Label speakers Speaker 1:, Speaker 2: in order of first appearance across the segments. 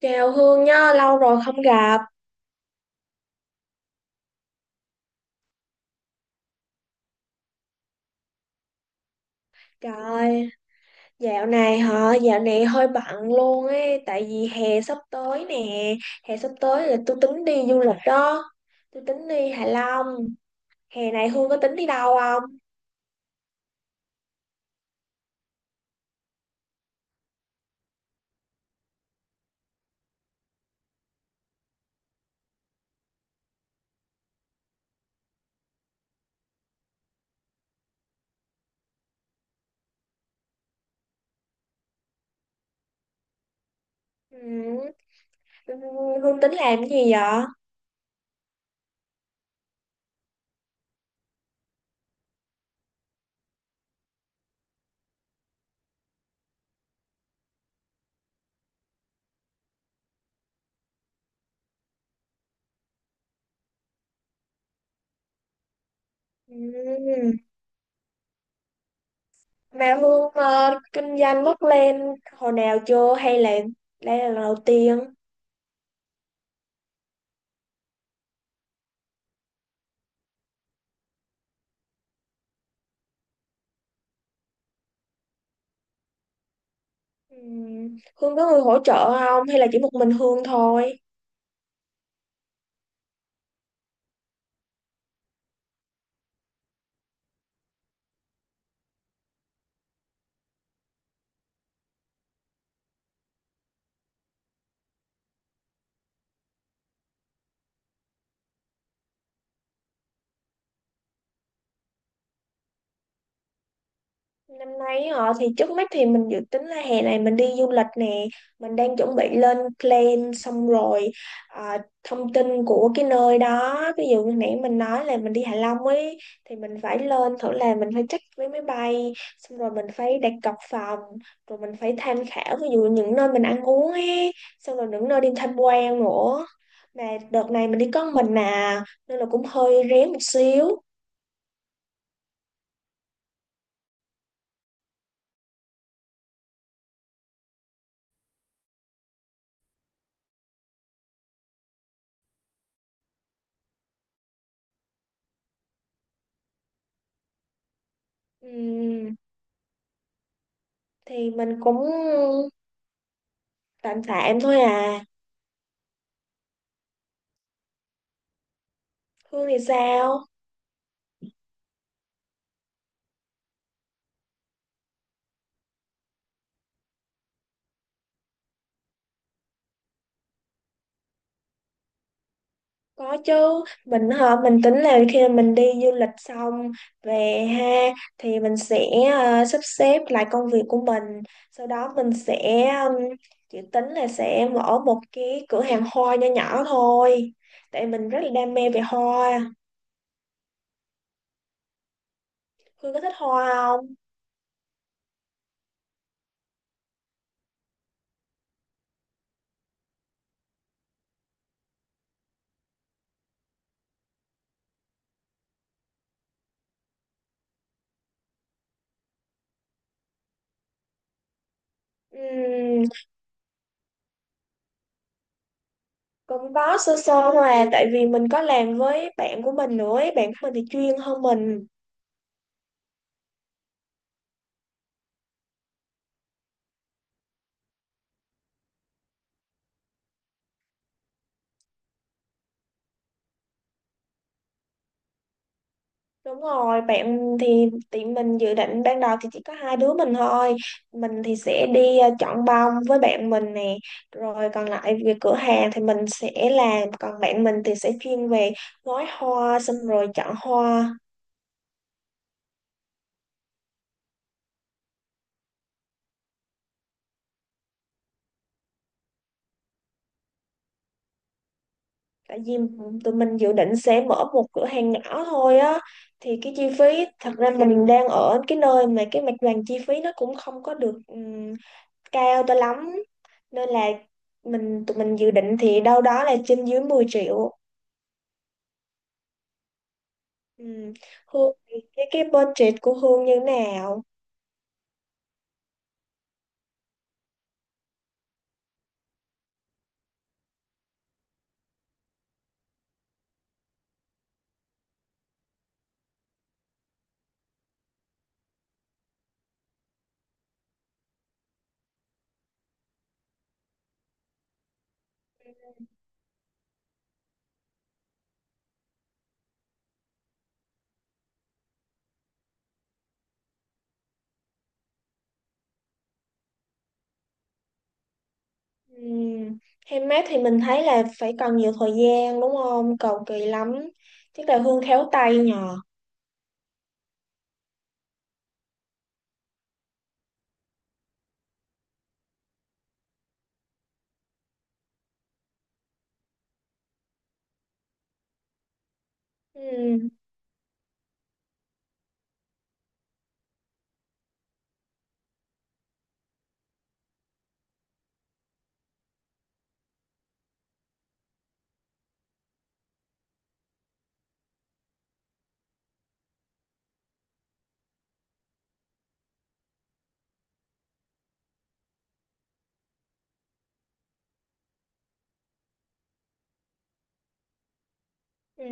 Speaker 1: Chào Hương nhá, lâu rồi không gặp. Trời, dạo này hơi bận luôn ấy, tại vì hè sắp tới nè, hè sắp tới là tôi tính đi du lịch đó, tôi tính đi Hạ Long. Hè này Hương có tính đi đâu không? Ừ, Hương tính làm cái gì vậy? Ừ, mà Hương kinh doanh mất lên hồi nào chưa hay là đây là lần đầu tiên? Ừ, Hương có người hỗ trợ không hay là chỉ một mình Hương thôi? Năm nay họ thì trước mắt thì mình dự tính là hè này mình đi du lịch nè, mình đang chuẩn bị lên plan xong rồi à, thông tin của cái nơi đó, ví dụ như nãy mình nói là mình đi Hạ Long ấy thì mình phải lên thử là mình phải check vé máy bay, xong rồi mình phải đặt cọc phòng, rồi mình phải tham khảo ví dụ những nơi mình ăn uống ấy, xong rồi những nơi đi tham quan nữa. Mà đợt này mình đi có mình à, nên là cũng hơi rén một xíu. Ừm, thì mình cũng tạm tạm thôi à. Hương thì sao? Có chứ, mình hả, mình tính là khi mà mình đi du lịch xong về ha thì mình sẽ sắp xếp lại công việc của mình, sau đó mình sẽ chỉ tính là sẽ mở một cái cửa hàng hoa nho nhỏ thôi, tại mình rất là đam mê về hoa. Hương có thích hoa không? Ừm, cũng có sơ sơ thôi à, tại vì mình có làm với bạn của mình nữa ấy. Bạn của mình thì chuyên hơn mình. Đúng rồi, bạn thì tụi mình dự định ban đầu thì chỉ có hai đứa mình thôi. Mình thì sẽ đi chọn bông với bạn mình nè. Rồi còn lại về cửa hàng thì mình sẽ làm. Còn bạn mình thì sẽ chuyên về gói hoa xong rồi chọn hoa. Tại vì tụi mình dự định sẽ mở một cửa hàng nhỏ thôi á. Thì cái chi phí, thật ra mình đang ở cái nơi mà cái mặt bằng chi phí nó cũng không có được cao cho lắm. Nên là tụi mình dự định thì đâu đó là trên dưới 10 triệu. Ừ. Hương thì cái budget của Hương như nào? Ừ. Handmade thì mình thấy là phải cần nhiều thời gian đúng không? Cầu kỳ lắm. Chắc là Hương khéo tay nhờ. Ừ. Ừ.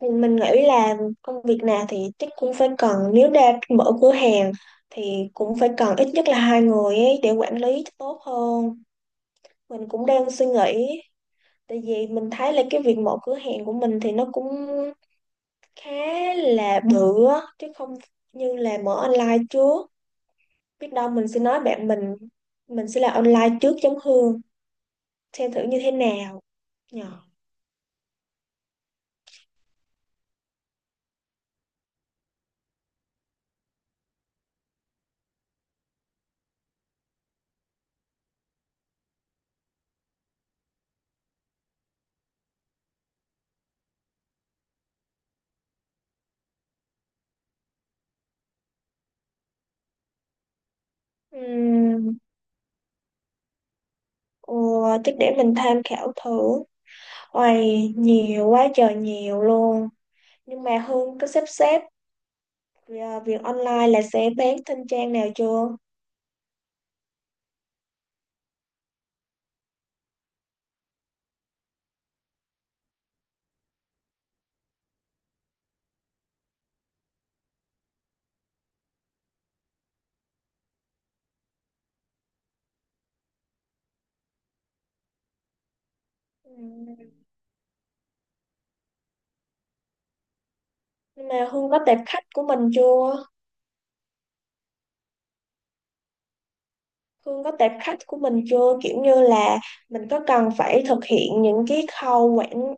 Speaker 1: Thì mình nghĩ là công việc nào thì chắc cũng phải cần, nếu đã mở cửa hàng thì cũng phải cần ít nhất là hai người ấy để quản lý cho tốt hơn. Mình cũng đang suy nghĩ, tại vì mình thấy là cái việc mở cửa hàng của mình thì nó cũng khá là bự á, chứ không như là mở online trước. Biết đâu mình sẽ nói bạn mình sẽ làm online trước giống Hương, xem thử như thế nào nhờ. Ừm, ờ, chắc để mình tham khảo thử. Ôi, nhiều quá trời nhiều luôn, nhưng mà Hương có sắp xếp à, việc online là sẽ bán trên trang nào chưa? Ừm, nhưng mà Hương có tệp khách của mình chưa? Hương có tệp khách của mình chưa? Kiểu như là mình có cần phải thực hiện những cái khâu quảng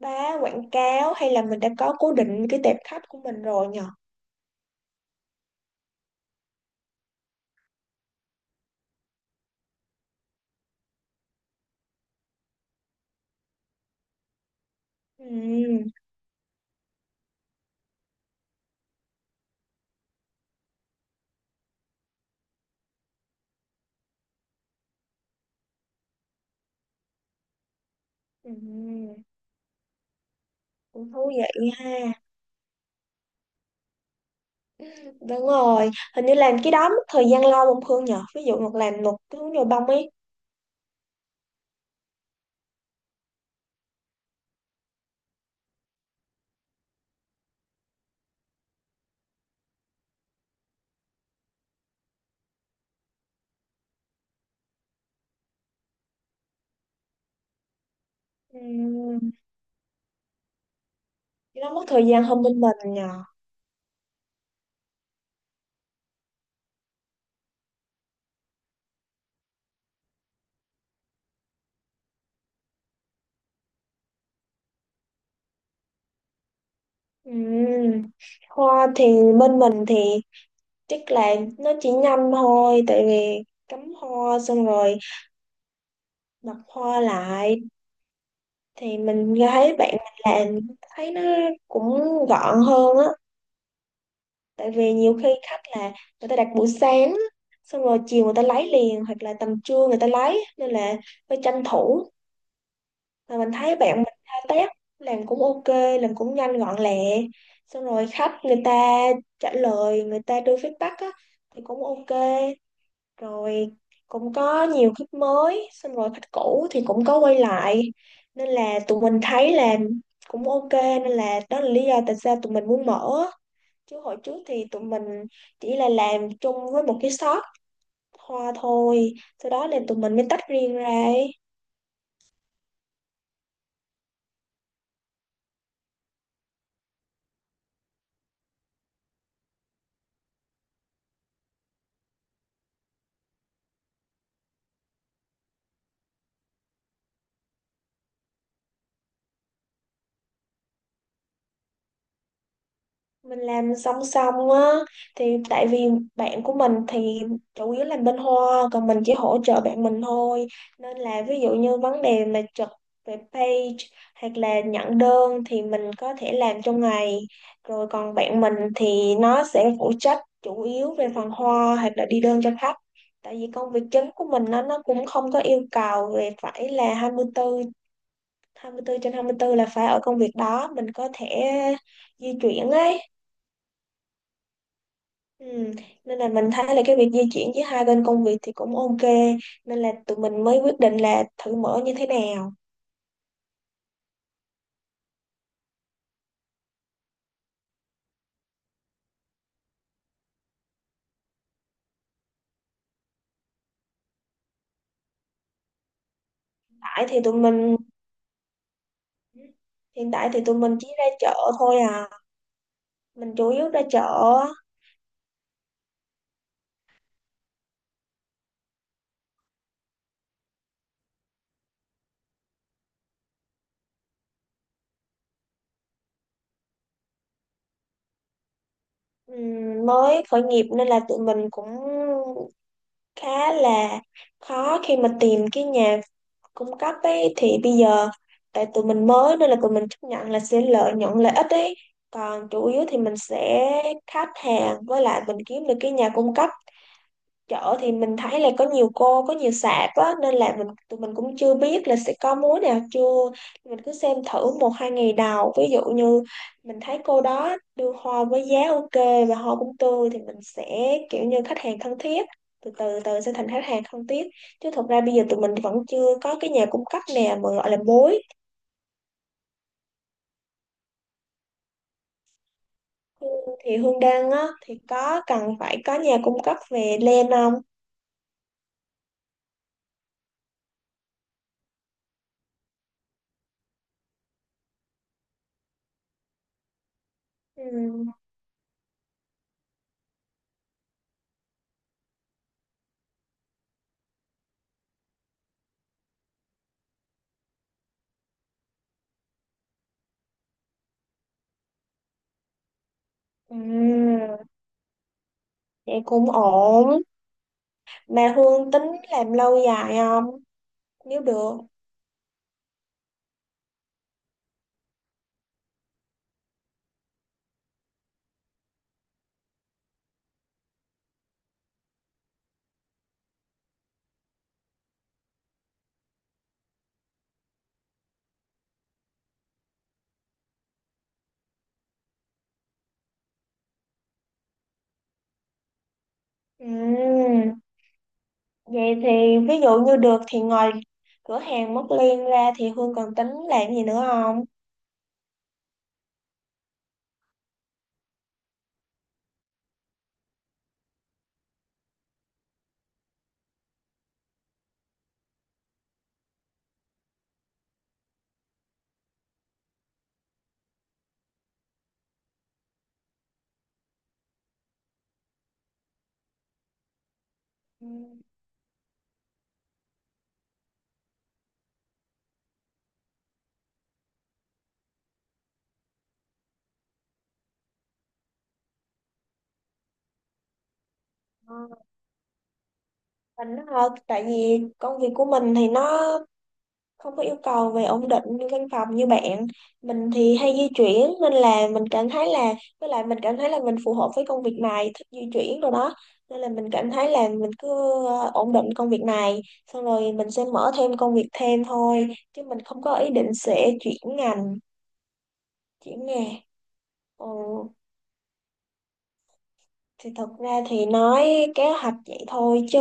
Speaker 1: bá, quảng cáo hay là mình đã có cố định cái tệp khách của mình rồi nhờ? Ừ, ừ, cũng thú vị ha. Đúng rồi, hình như làm cái đó mất thời gian lâu không Hương nhờ? Ví dụ làm một cái hướng nhồi bông ấy. Ừ, cái đó mất thời gian hơn bên mình nhờ. Ừ. Hoa thì bên mình thì chắc là nó chỉ nhanh thôi, tại vì cắm hoa xong rồi đặt hoa lại thì mình thấy bạn mình làm, thấy nó cũng gọn hơn á, tại vì nhiều khi khách là người ta đặt buổi sáng á, xong rồi chiều người ta lấy liền hoặc là tầm trưa người ta lấy, nên là phải tranh thủ. Mà mình thấy bạn mình thao tác làm cũng ok, làm cũng nhanh gọn lẹ, xong rồi khách người ta trả lời, người ta đưa feedback á thì cũng ok, rồi cũng có nhiều khách mới, xong rồi khách cũ thì cũng có quay lại, nên là tụi mình thấy là cũng ok, nên là đó là lý do tại sao tụi mình muốn mở, chứ hồi trước thì tụi mình chỉ là làm chung với một cái shop hoa thôi, sau đó là tụi mình mới tách riêng ra ấy. Mình làm song song á, thì tại vì bạn của mình thì chủ yếu làm bên hoa, còn mình chỉ hỗ trợ bạn mình thôi, nên là ví dụ như vấn đề mà trực về page hoặc là nhận đơn thì mình có thể làm trong ngày, rồi còn bạn mình thì nó sẽ phụ trách chủ yếu về phần hoa hoặc là đi đơn cho khách, tại vì công việc chính của mình nó cũng không có yêu cầu về phải là hai hai mươi tư hai mươi 24 trên 24 là phải ở công việc đó, mình có thể di chuyển ấy. Ừ. Nên là mình thấy là cái việc di chuyển giữa hai bên công việc thì cũng ok, nên là tụi mình mới quyết định là thử mở như thế nào. Tại thì tụi mình Hiện tại thì tụi mình chỉ ra chợ thôi à, mình chủ yếu ra chợ á. Ừm, mới khởi nghiệp nên là tụi mình cũng khá là khó khi mà tìm cái nhà cung cấp ấy. Thì bây giờ tại tụi mình mới nên là tụi mình chấp nhận là sẽ lợi nhuận lợi ích ấy, còn chủ yếu thì mình sẽ khách hàng, với lại mình kiếm được cái nhà cung cấp. Chợ thì mình thấy là có nhiều cô, có nhiều sạp á, nên là tụi mình cũng chưa biết là sẽ có múa nào chưa. Mình cứ xem thử một hai ngày đầu, ví dụ như mình thấy cô đó đưa hoa với giá ok và hoa cũng tươi thì mình sẽ kiểu như khách hàng thân thiết, từ từ từ sẽ thành khách hàng thân thiết, chứ thật ra bây giờ tụi mình vẫn chưa có cái nhà cung cấp nào mà gọi là mối. Hương- thì Hương Đăng á thì có cần phải có nhà cung cấp về len không? Ừ. Ừ. Vậy cũng ổn. Mà Hương tính làm lâu dài không? Nếu được. Ừm, Vậy thì ví dụ như được thì ngoài cửa hàng Móc Liên ra thì Hương còn tính làm gì nữa không? Ừm, ờ, Mình hả? Tại vì công việc của mình thì nó không có yêu cầu về ổn định văn phòng, như bạn mình thì hay di chuyển nên là mình cảm thấy là, với lại mình cảm thấy là mình phù hợp với công việc này, thích di chuyển rồi đó, nên là mình cảm thấy là mình cứ ổn định công việc này, xong rồi mình sẽ mở thêm công việc thêm thôi, chứ mình không có ý định sẽ chuyển ngành, chuyển nghề. Ừ. Thì thật ra thì nói kế hoạch vậy thôi, chứ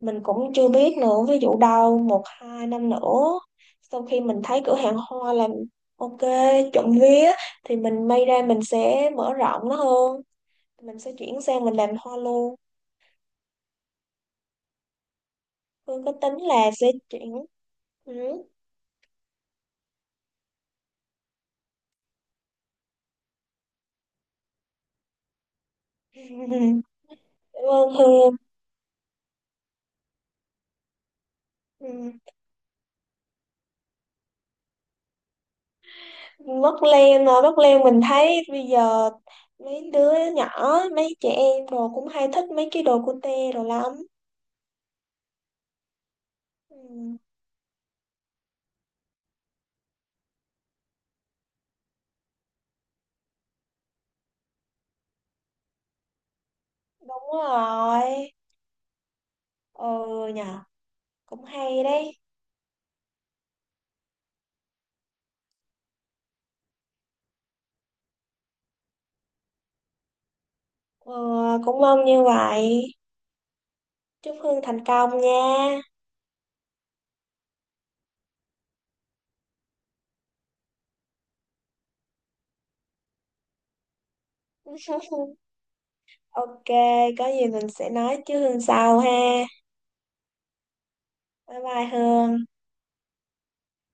Speaker 1: mình cũng chưa biết nữa. Ví dụ đâu một hai năm nữa, sau khi mình thấy cửa hàng hoa làm ok, trộm vía, thì mình may ra mình sẽ mở rộng nó hơn. Mình sẽ chuyển sang mình làm hoa luôn. Hương có tính là sẽ chuyển ừ. Cảm ơn Hương. Ừ. Mất Lan mình thấy bây giờ mấy đứa nhỏ, mấy trẻ em đồ cũng hay thích mấy cái đồ cute đồ lắm. Ừ. Đúng rồi. Ừ nhờ, cũng hay đấy. Ừ, cũng mong như vậy. Chúc Hương thành công nha. Ok, có gì mình sẽ nói chứ Hương sau ha. Bye bye Hương.